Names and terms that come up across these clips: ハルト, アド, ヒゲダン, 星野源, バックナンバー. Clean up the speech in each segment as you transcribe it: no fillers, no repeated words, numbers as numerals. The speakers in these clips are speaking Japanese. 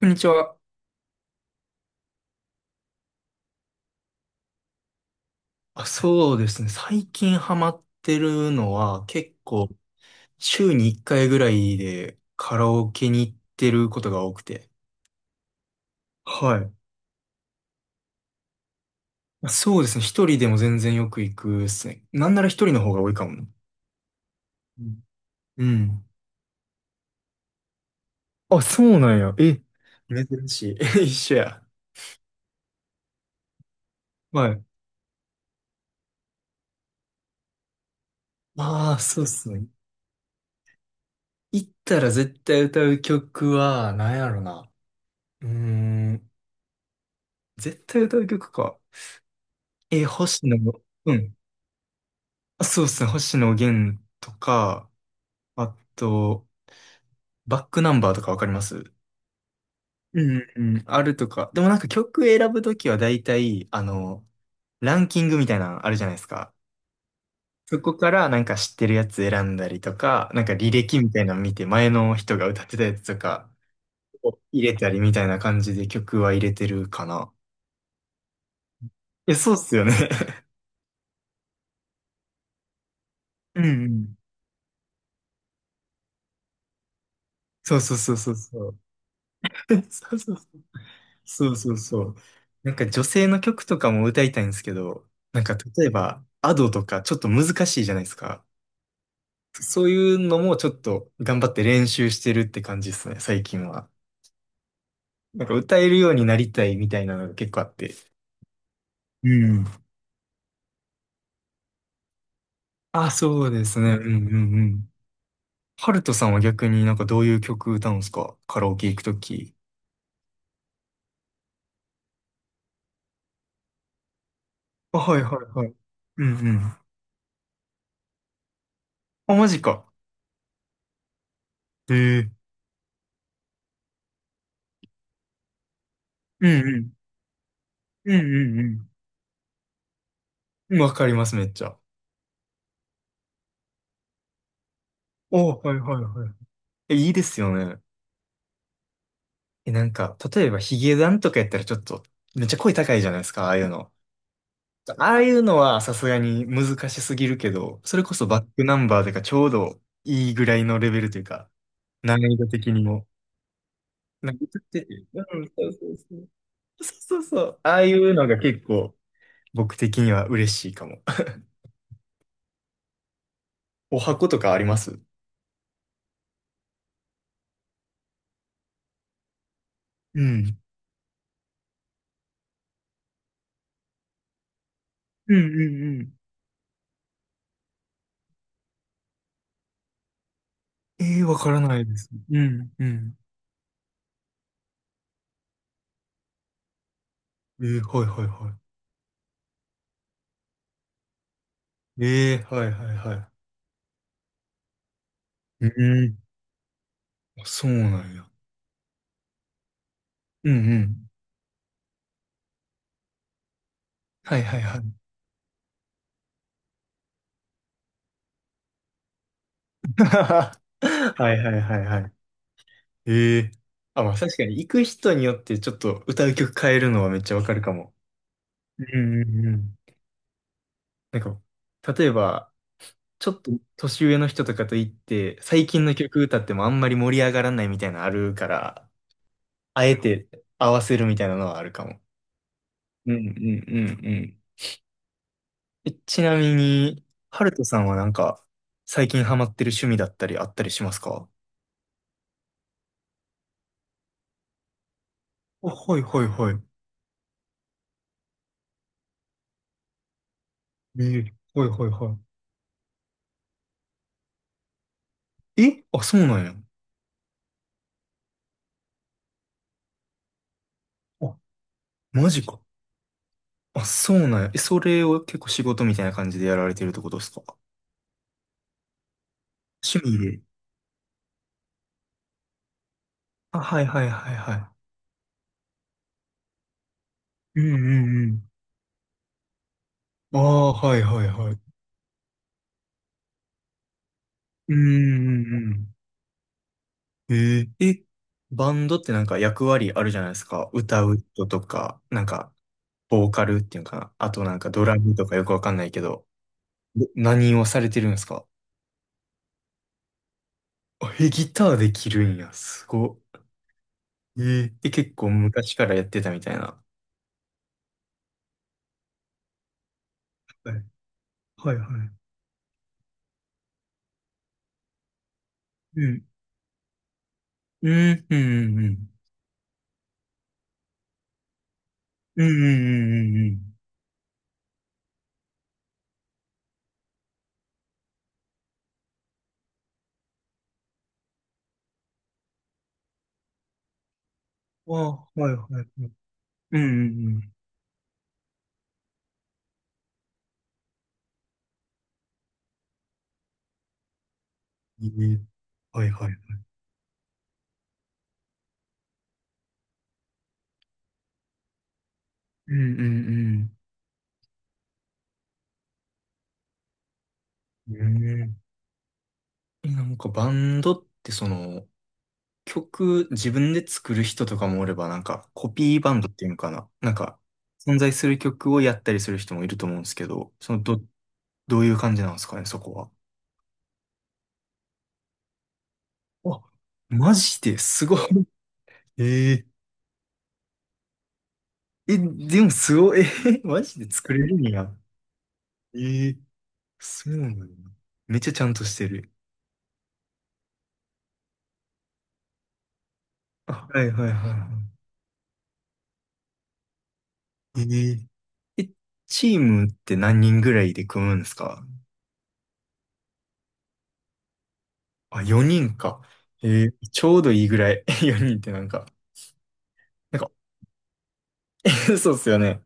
こんにちは。あ、そうですね。最近ハマってるのは結構週に1回ぐらいでカラオケに行ってることが多くて。はい。そうですね。一人でも全然よく行くですね。なんなら一人の方が多いかもな。うん。うん。あ、そうなんや。え、珍しい。一緒や。はい。ああ、そうっすね。行ったら絶対歌う曲は、なんやろな。うーん。絶対歌う曲か。え、星野の、うん。そうですね。星野源とか、あと、バックナンバーとかわかります？うんうん、あるとか。でもなんか曲選ぶときは大体、ランキングみたいなのあるじゃないですか。そこからなんか知ってるやつ選んだりとか、なんか履歴みたいなの見て前の人が歌ってたやつとかを入れたりみたいな感じで曲は入れてるかな。いや、そうっすよね。うんうん。そうそうそうそうそう。そうそうそうそうそうそう。なんか女性の曲とかも歌いたいんですけど、なんか例えば、アドとかちょっと難しいじゃないですか。そういうのもちょっと頑張って練習してるって感じですね、最近は。なんか歌えるようになりたいみたいなのが結構あって。うん。あ、そうですね。うんうんうん。ハルトさんは逆になんかどういう曲歌うんですか、カラオケ行くとき。あ、はいはいはい。うんうん。あ、マジか。へえ。うんうん。うんうんうん。わかります、めっちゃ。お、はいはいはい。え、いいですよね。え、なんか、例えばヒゲダンとかやったらちょっと、めっちゃ声高いじゃないですか、ああいうの。ああいうのはさすがに難しすぎるけど、それこそバックナンバーとかちょうどいいぐらいのレベルというか、難易度的にも。なんか歌ってて、うん、そうそうそう。そうそうそう。ああいうのが結構僕的には嬉しいかも。お箱とかあります？うん。うんうんうん。ええ、わからないです。うんうん。ええ、はいはいはい。ええ、はいはいはい。うん。あ、そうなんや。うんうん。はいはいはい。はいはいはいはい。ええ。あ、まあ確かに行く人によってちょっと歌う曲変えるのはめっちゃわかるかも。うんうんうん。なんか、例えば、ちょっと年上の人とかと行って、最近の曲歌ってもあんまり盛り上がらないみたいなのあるから、あえて合わせるみたいなのはあるかも。うんうんうんうん。え、ちなみに、ハルトさんはなんか、最近ハマってる趣味だったりあったりしますか？あ、はいはいはい。ええ、はいはいはい。え、あ、そうなんや。あ、マジか。あ、そうなんや。え、それを結構仕事みたいな感じでやられてるってことですか、趣味で？あ、はいはいはいはい。うんうんうん。ああ、はいはいはい。うんうんうん。ええ、え、バンドってなんか役割あるじゃないですか。歌う人とか、なんか、ボーカルっていうのかな。あとなんかドラムとかよくわかんないけど。で、何をされてるんですか？あ、え、ギターできるんや。すごっ。ええ、で、結構昔からやってたみたいな。はい、はい、はい。うんうん、うん、うん。うん、うん、うん。うん。ああ、はい、はい。うん、うん、うん。ええ、はい、はい。うん、うん、うん。うん、え、なんかバンドってその、曲自分で作る人とかもおれば、なんかコピーバンドっていうのかな。なんか存在する曲をやったりする人もいると思うんですけど、どういう感じなんですかね、そこは。あ、マジですごい。ええ。え、でもすごい、え、マジで作れるんや。ええ。そうなんだ。めっちゃちゃんとしてる。あ、はいはいはいはい。えー、え、チームって何人ぐらいで組むんですか？あ、4人か。えー、ちょうどいいぐらい。4人ってなんか、なんか、そうっすよね。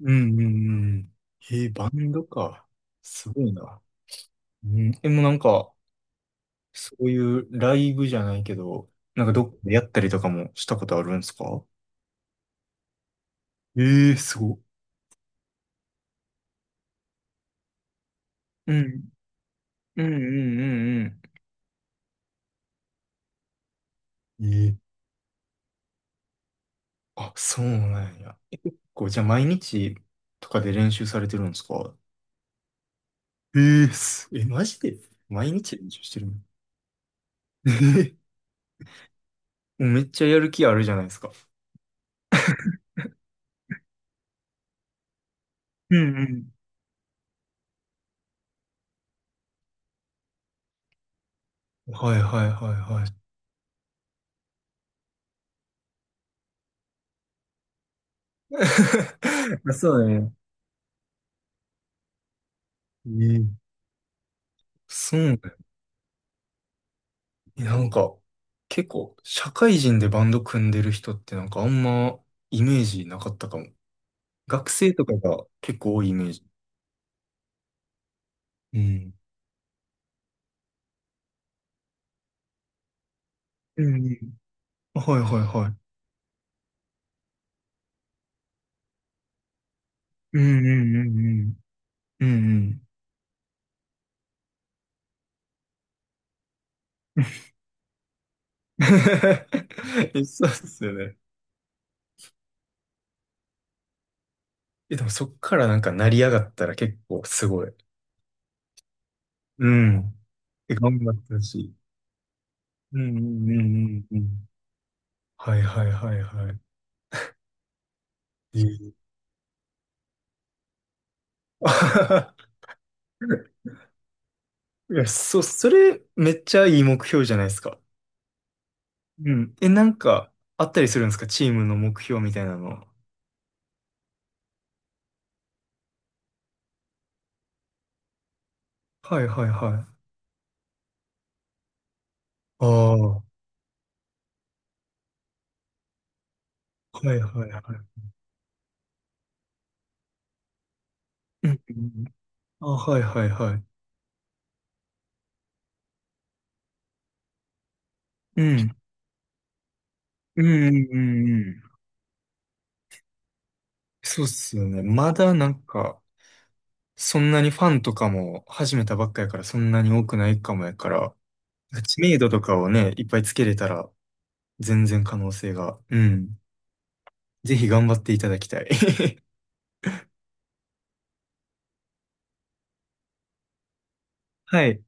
うんうんうん。えー、バンドか。すごいな。うん、でもなんか、そういうライブじゃないけど、なんかどっかでやったりとかもしたことあるんですか？ええー、すごい。うんうんうんうんうん。ええ、あ、そうなんや。え、結構、じゃあ毎日とかで練習されてるんですか？ええ、す。え、マジで毎日練習してるの？ええ。 もうめっちゃやる気あるじゃないですか。うんうん。はいはいはいはい。あ、そうだね。ええ、そうだよね。え、なんか、結構、社会人でバンド組んでる人ってなんかあんまイメージなかったかも。学生とかが結構多いイメージ。うん。うんうん。はいはいはい。うんうんうんうん。うんうん。そうっすよね。え、でもそっからなんか成り上がったら結構すごい。うん。え、頑張ってほしい。うんうんうんうんうん。はいはいはいはい。いい。 いや、それめっちゃいい目標じゃないですか。うん。え、なんかあったりするんですか、チームの目標みたいなの。はいはいはい。ああ、はいはいはい。うんうんうん。あ、はいはいはい。うん。うんうんうんうん。そうっすよね。まだなんか、そんなにファンとかも始めたばっかやからそんなに多くないかもやから、知名度とかをね、いっぱいつけれたら全然可能性が。うん。ぜひ頑張っていただきたい。はい。